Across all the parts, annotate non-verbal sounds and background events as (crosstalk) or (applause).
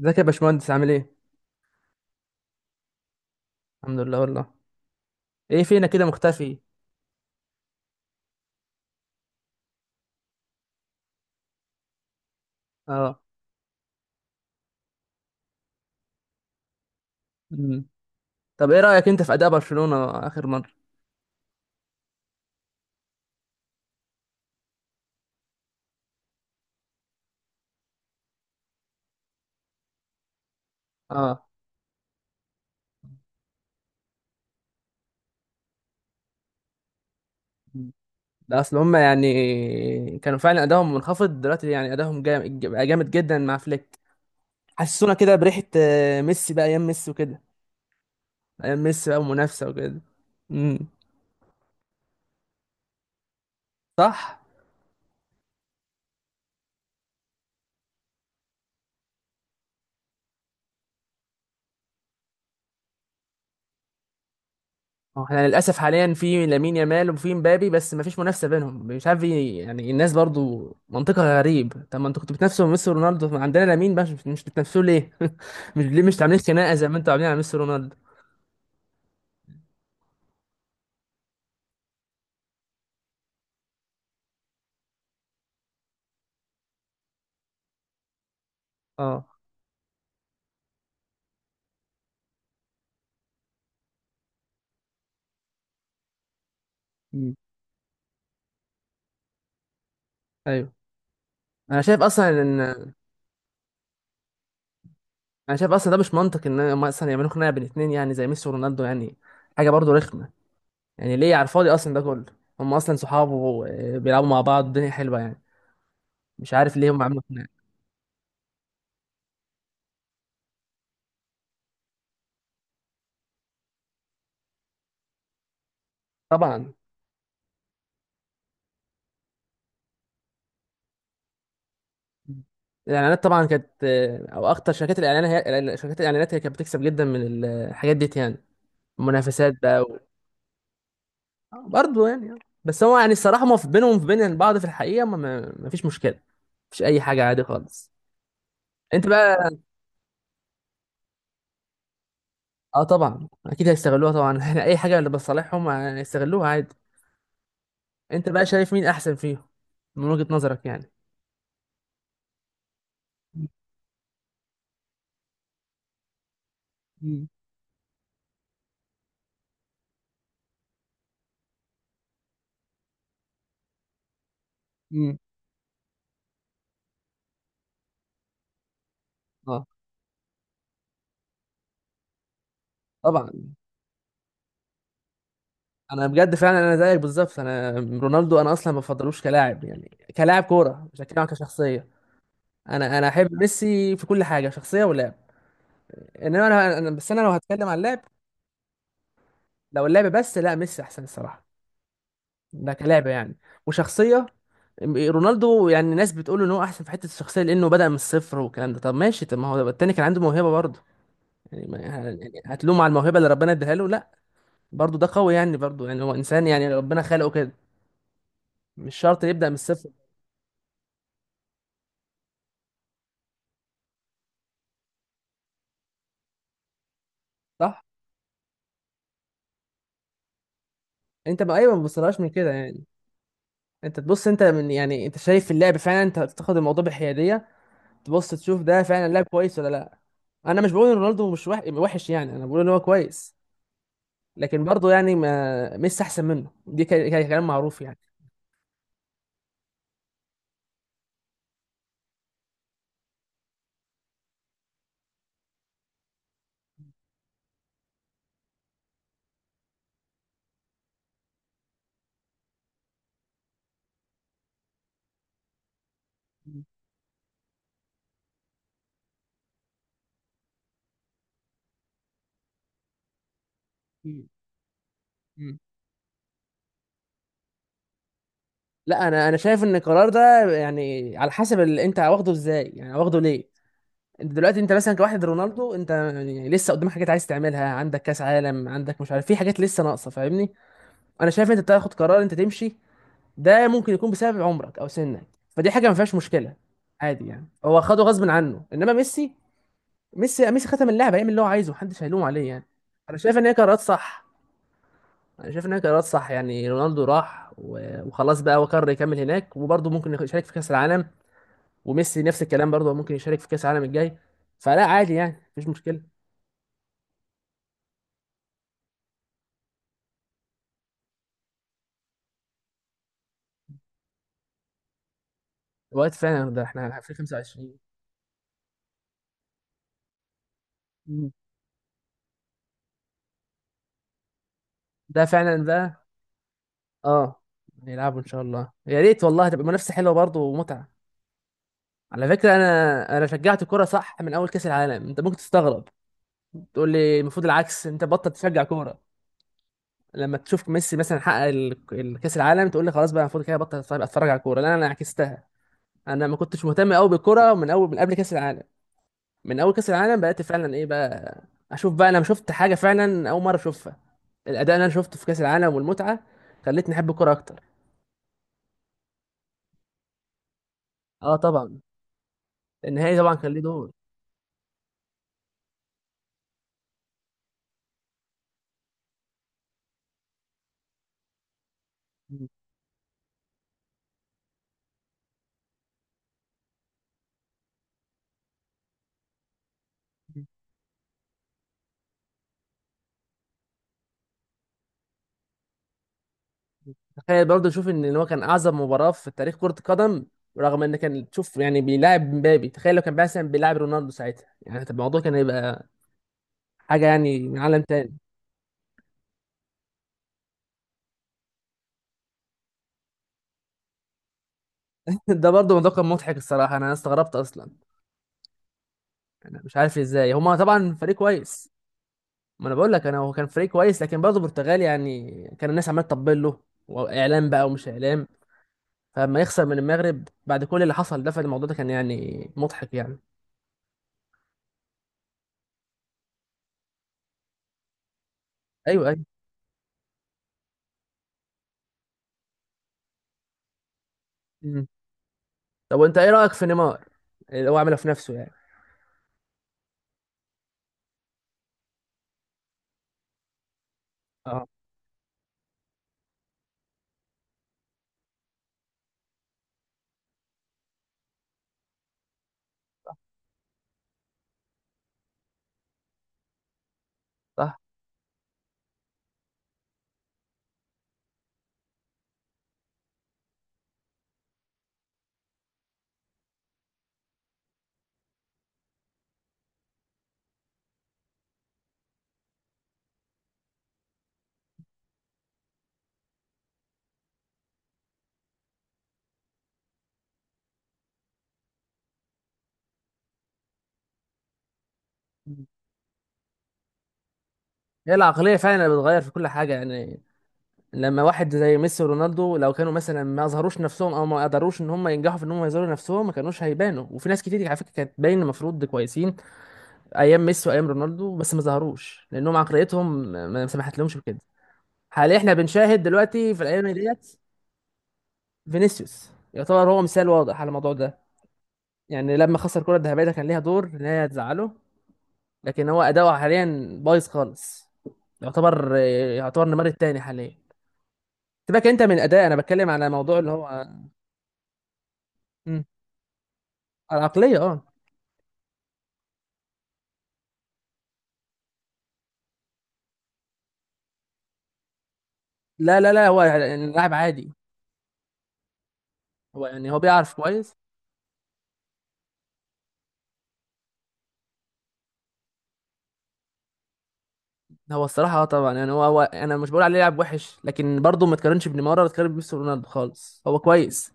ازيك يا باشمهندس عامل ايه؟ الحمد لله والله. ايه فينا كده مختفي؟ اه. مم. طب ايه رأيك انت في اداء برشلونة اخر مرة؟ اه. مم. ده اصل هم يعني كانوا فعلا ادائهم منخفض دلوقتي، يعني ادائهم جامد جامد جدا مع فليك. حسونا كده بريحة ميسي، بقى ايام ميسي وكده. ايام ميسي بقى ومنافسة وكده. امم صح. هو احنا للاسف حاليا في لامين يامال وفي مبابي، بس مفيش منافسه بينهم، مش عارف ايه يعني. الناس برضو منطقها غريب، طب ما انتوا كنتوا بتنافسوا ميسي رونالدو، ما عندنا لامين بقى، مش مش بتنافسوه ليه؟ (laughs) مش ليه مش عاملين خناقه زي ما انتوا عاملين على ميسي رونالدو؟ اه. مم. ايوه. انا شايف اصلا ان انا شايف اصلا ده مش منطق ان هم اصلا يعملوا خناقه بين اتنين يعني زي ميسي ورونالدو يعني. حاجه برضو رخمه، يعني ليه على الفاضي اصلا ده كله؟ هم اصلا صحاب وبيلعبوا مع بعض، الدنيا حلوه يعني، مش عارف ليه هم عملوا خناقه. طبعا الاعلانات طبعا كانت او اخطر شركات الاعلان. هي شركات الاعلانات هي كانت بتكسب جدا من الحاجات ديت يعني، المنافسات بقى برضه يعني آه. بس هو يعني الصراحه ما في بينهم، في بين بعض في الحقيقه، ما فيش مشكله. مفيش اي حاجه، عادي خالص. انت بقى اه طبعا اكيد هيستغلوها طبعا (laughs) يعني اي حاجه اللي بتصالحهم هيستغلوها عادي. انت بقى شايف مين احسن فيهم من وجهه نظرك يعني؟ مم. مم. اه طبعا. انا بجد فعلا انا زيك بالظبط. انا رونالدو انا اصلا ما بفضلوش كلاعب، يعني كلاعب كوره، مش هتكلم عن كشخصيه. انا احب ميسي في كل حاجه، شخصيه ولعب. انما بس انا لو هتكلم عن اللعب، لو اللعب بس، لا ميسي احسن الصراحه. ده كلاعب يعني، وشخصيه. رونالدو يعني ناس بتقول ان هو احسن في حته الشخصيه لانه بدا من الصفر والكلام ده. طب ماشي، طب ما هو التاني كان عنده موهبه برضه، يعني هتلوم على الموهبه اللي ربنا اداها له؟ لا، برضه ده قوي يعني، برضه يعني هو انسان يعني ربنا خلقه كده، مش شرط يبدا من الصفر. صح. انت ما ايوه، ما بتبصلهاش من كده يعني. انت تبص، انت من يعني، انت شايف اللعب فعلا، انت تاخد الموضوع بحياديه، تبص تشوف ده فعلا لاعب كويس ولا لا. انا مش بقول ان رونالدو مش وحش يعني، انا بقول ان هو كويس، لكن برضه يعني ما ميسي احسن منه، دي كلام معروف يعني. مم. مم. لا انا شايف ان القرار ده يعني على حسب اللي انت واخده ازاي، يعني واخده ليه. انت دلوقتي، انت مثلا كواحد رونالدو، انت يعني لسه قدامك حاجات عايز تعملها، عندك كاس عالم، عندك مش عارف، في حاجات لسه ناقصه فاهمني. انا شايف انت بتاخد قرار انت تمشي، ده ممكن يكون بسبب عمرك او سنك، فدي حاجه ما فيهاش مشكله، عادي يعني. هو خده غصب عنه، انما ميسي، ميسي ختم اللعبه، يعمل اللي هو عايزه، محدش هيلوم عليه يعني. انا شايف ان هي قرارات صح. انا شايف ان هي قرارات صح، يعني رونالدو راح وخلاص بقى، هو قرر يكمل هناك، وبرضه ممكن يشارك في كاس العالم. وميسي نفس الكلام، برضه ممكن يشارك في كاس العالم الجاي. فلا عادي يعني، مفيش مشكله. الوقت فعلا ده احنا في 25. مم. ده فعلا بقى. اه نلعبوا ان شاء الله يا ريت والله، تبقى منافسه حلوه برضه ومتعه. على فكرة أنا شجعت كورة صح من أول كأس العالم، أنت ممكن تستغرب، تقول لي المفروض العكس أنت بطل تشجع كورة. لما تشوف ميسي مثلا حقق كأس العالم تقول لي خلاص بقى المفروض كده بطل أتفرج، أتفرج على الكورة، لا أنا عكستها. أنا ما كنتش مهتم أوي بالكورة من أول، من قبل كأس العالم، من أول كأس العالم بقيت فعلا إيه بقى، أشوف بقى. أنا شفت حاجة فعلا أول مرة أشوفها، الأداء اللي أنا شفته في كأس العالم والمتعة خلتني أحب الكورة أكتر. أه طبعا. النهائي طبعا كان ليه دور. تخيل برضه، شوف ان هو كان اعظم مباراه في تاريخ كره القدم، رغم ان كان تشوف يعني بيلاعب مبابي، تخيل لو كان مثلا بيلاعب رونالدو ساعتها يعني، طب الموضوع كان هيبقى حاجه يعني من عالم تاني. (laughs) ده برضه موضوع كان مضحك الصراحه، انا استغربت اصلا. انا مش عارف ازاي، هما طبعا فريق كويس، ما انا بقول لك انا هو كان فريق كويس، لكن برضه البرتغال يعني كان الناس عماله تطبل له، واعلام بقى ومش اعلام، فلما يخسر من المغرب بعد كل اللي حصل ده، فالموضوع ده كان يعني مضحك يعني. ايوه ايوه. مم. طب وانت ايه رايك في نيمار اللي هو عمله في نفسه يعني؟ صح. هي العقلية فعلا اللي بتغير في كل حاجة يعني. لما واحد زي ميسي ورونالدو، لو كانوا مثلا ما اظهروش نفسهم او ما قدروش ان هم ينجحوا في ان هم يظهروا نفسهم، ما كانوش هيبانوا. وفي ناس كتير على فكرة كانت باين المفروض كويسين ايام ميسي وايام رونالدو، بس ما ظهروش لانهم عقليتهم ما سمحت لهمش بكده. حاليا احنا بنشاهد دلوقتي في الايام ديت، فينيسيوس يعتبر هو مثال واضح على الموضوع ده. يعني لما خسر الكرة الذهبية، ده كان ليها دور ان هي تزعله، لكن هو اداؤه حاليا بايظ خالص. يعتبر يعتبر النمر التاني حاليا. سيبك انت من اداء، انا بتكلم على موضوع اللي هو. مم. العقليه اه. لا لا لا، هو يعني لاعب عادي. هو يعني هو بيعرف كويس. هو الصراحه اه طبعا يعني هو انا مش بقول عليه لاعب وحش، لكن برضه ما تقارنش بنيمار، ولا تقارن بميسي ورونالدو خالص، هو كويس،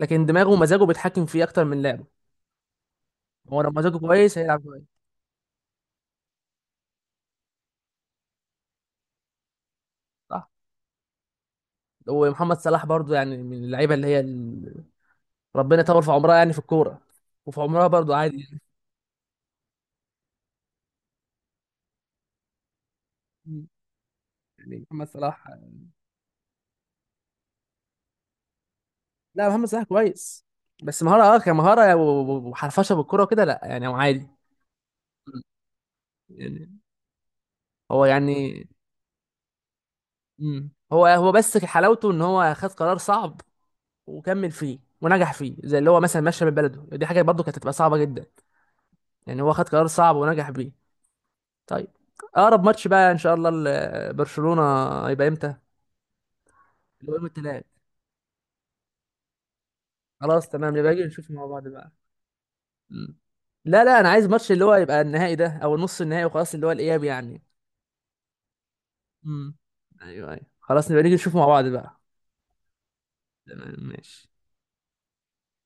لكن دماغه ومزاجه بيتحكم فيه اكتر من لعبه. هو لو مزاجه كويس هيلعب كويس. صح. ومحمد صلاح برضه يعني من اللعيبه اللي هي ربنا يطول في عمرها يعني في الكوره، وفي عمرها برضه عادي يعني. مم. يعني محمد صلاح. لا محمد صلاح كويس، بس مهارة اه كمهارة وحرفشة بالكرة وكده لا، يعني هو عادي. مم. يعني هو يعني. مم. هو بس حلاوته ان هو خد قرار صعب وكمل فيه ونجح فيه. زي اللي هو مثلا مشى من بلده، دي حاجة برضه كانت هتبقى صعبة جدا. يعني هو خد قرار صعب ونجح بيه. طيب، اقرب ماتش بقى ان شاء الله برشلونة هيبقى امتى؟ اللي هو يوم التلات. خلاص تمام، يبقى اجي نشوف مع بعض بقى. مم. لا لا انا عايز ماتش اللي هو يبقى النهائي ده او نص النهائي وخلاص، اللي هو الاياب يعني. امم ايوه ايوه، خلاص نبقى نيجي نشوف مع بعض بقى. تمام ماشي.